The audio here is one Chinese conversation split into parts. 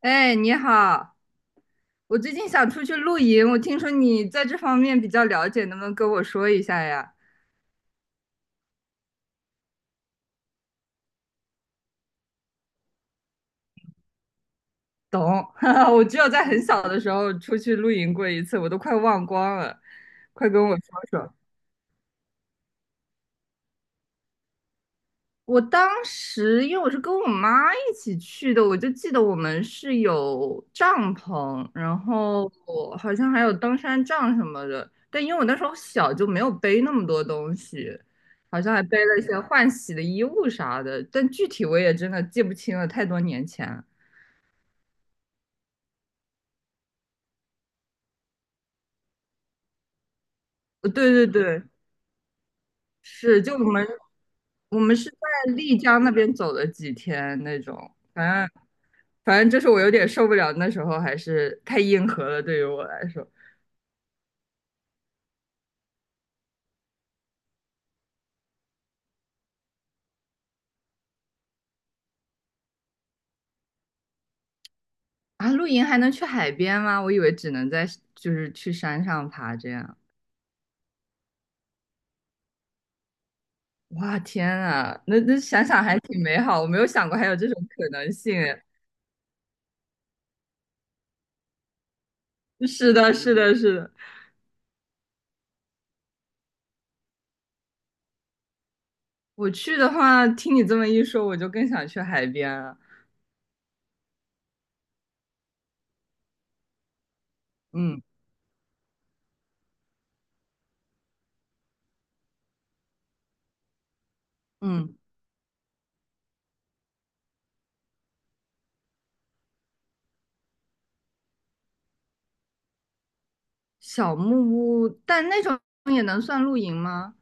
哎，你好，我最近想出去露营，我听说你在这方面比较了解，能不能跟我说一下呀？懂，我只有在很小的时候出去露营过一次，我都快忘光了，快跟我说说。我当时因为我是跟我妈一起去的，我就记得我们是有帐篷，然后我好像还有登山杖什么的。但因为我那时候小，就没有背那么多东西，好像还背了一些换洗的衣物啥的。但具体我也真的记不清了，太多年前了。对对对，是，就我们是在丽江那边走了几天那种。反正反正就是我有点受不了，那时候还是太硬核了，对于我来说。啊，露营还能去海边吗？我以为只能在，就是去山上爬这样。哇，天啊，那想想还挺美好，我没有想过还有这种可能性诶。是的，是的，是的。我去的话，听你这么一说，我就更想去海边了。嗯嗯。小木屋，但那种也能算露营吗？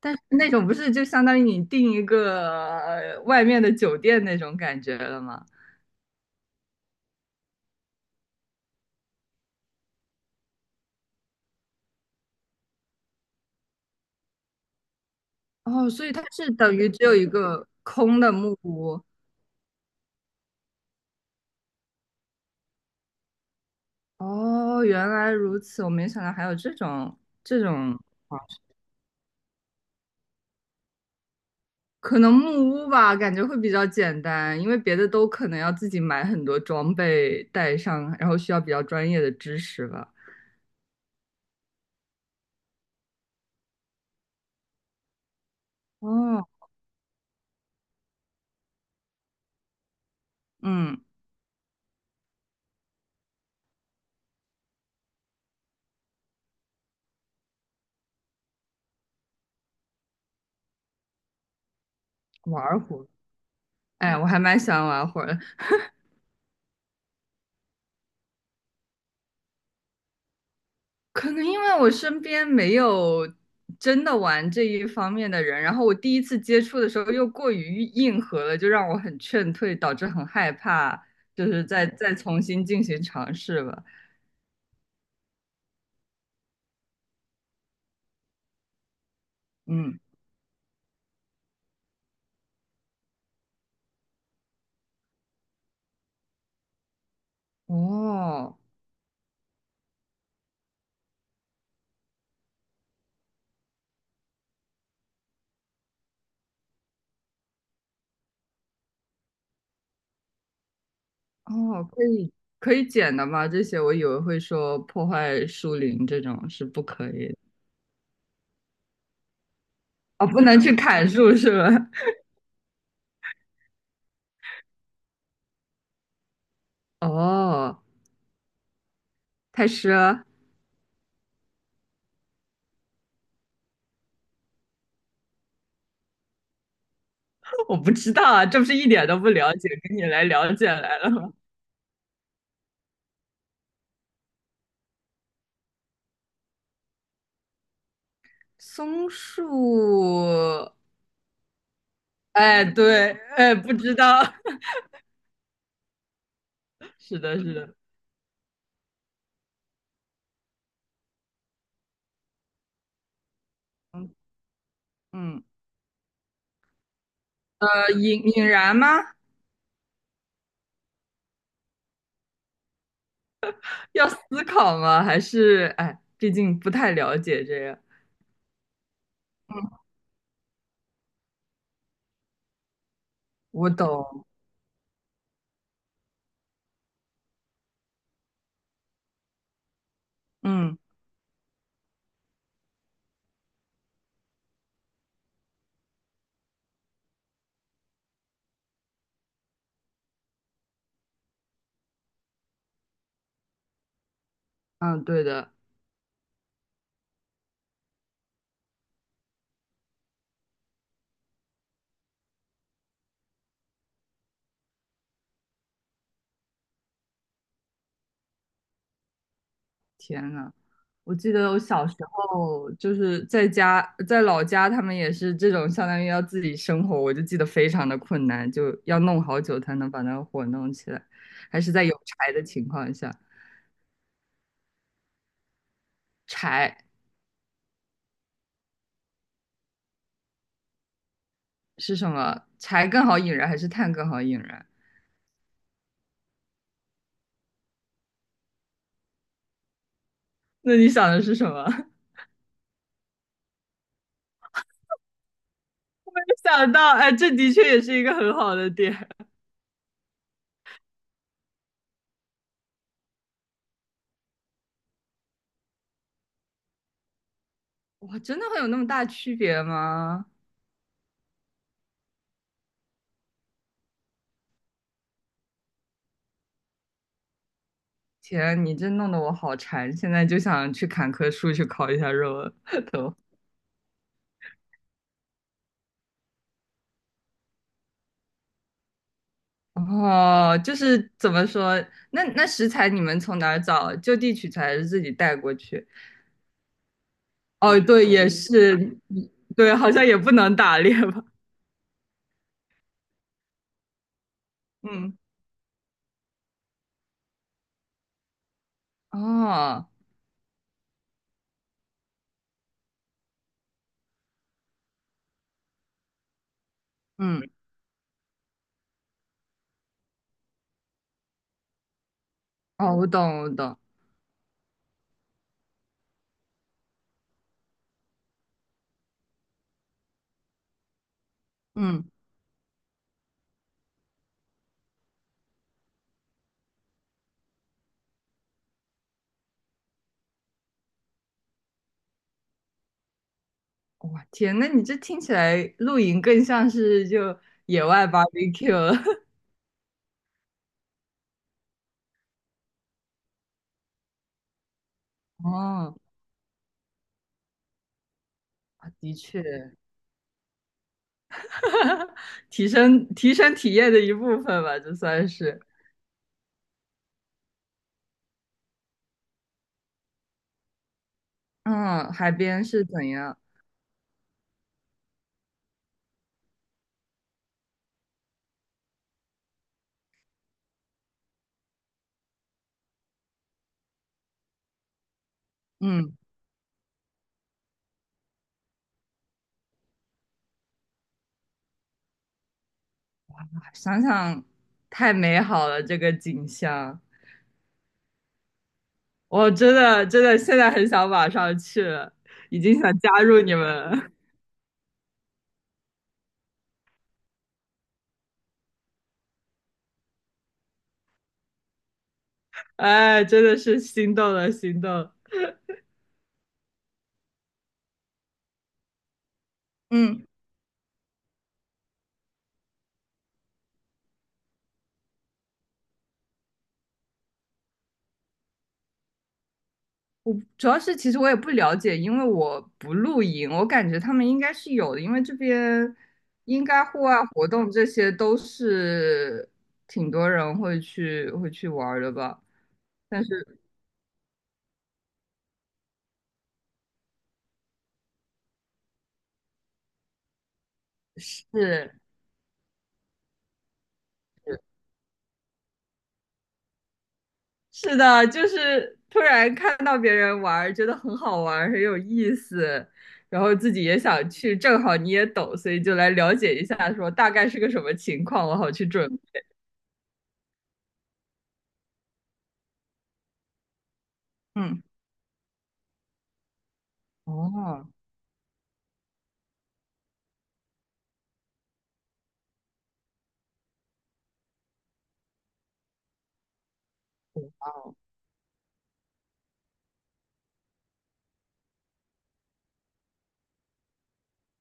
但是那种不是就相当于你订一个外面的酒店那种感觉了吗？哦，所以它是等于只有一个空的木屋。哦，原来如此，我没想到还有这种，啊，可能木屋吧，感觉会比较简单，因为别的都可能要自己买很多装备带上，然后需要比较专业的知识吧。哦，嗯，玩儿火，哎，我还蛮喜欢玩会的。可能因为我身边没有真的玩这一方面的人，然后我第一次接触的时候又过于硬核了，就让我很劝退，导致很害怕，就是再重新进行尝试吧。嗯，哦哦，可以剪的吗？这些我以为会说破坏树林这种是不可以的。哦，不能去砍树是吧？哦，太师。我不知道啊，这不是一点都不了解，跟你来了解来了吗？松树，哎，对，哎，不知道。是的，是的，嗯，引燃吗？要思考吗？还是哎，毕竟不太了解这个。嗯，我懂，嗯嗯，对的。天呐，我记得我小时候就是在家，在老家，他们也是这种，相当于要自己生火，我就记得非常的困难，就要弄好久才能把那个火弄起来，还是在有柴的情况下。柴。是什么？柴更好引燃还是炭更好引燃？那你想的是什么？没想到，哎，这的确也是一个很好的点。哇，真的会有那么大区别吗？天，你这弄得我好馋，现在就想去砍棵树去烤一下肉了都。哦，就是怎么说？那食材你们从哪儿找？就地取材还是自己带过去？哦，对，也是。对，好像也不能打猎吧？嗯，哦，嗯，哦，我懂，我懂。嗯，哇天，那你这听起来露营更像是就野外 barbecue 了。哦，啊的确。提升提升体验的一部分吧，这算是。嗯，海边是怎样？嗯，想想太美好了，这个景象。我真的真的现在很想马上去了，已经想加入你们了。哎，真的是心动了，心动了嗯。我主要是其实我也不了解，因为我不露营，我感觉他们应该是有的，因为这边应该户外活动这些都是挺多人会去玩儿的吧。但是是是的，就是突然看到别人玩儿，觉得很好玩儿，很有意思，然后自己也想去，正好你也懂，所以就来了解一下，说大概是个什么情况，我好去准备。嗯，哦，我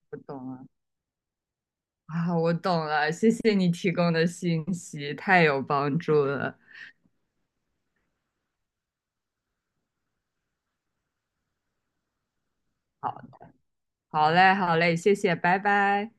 不懂啊。啊，我懂了，谢谢你提供的信息，太有帮助了。好，好嘞，好嘞，谢谢，拜拜。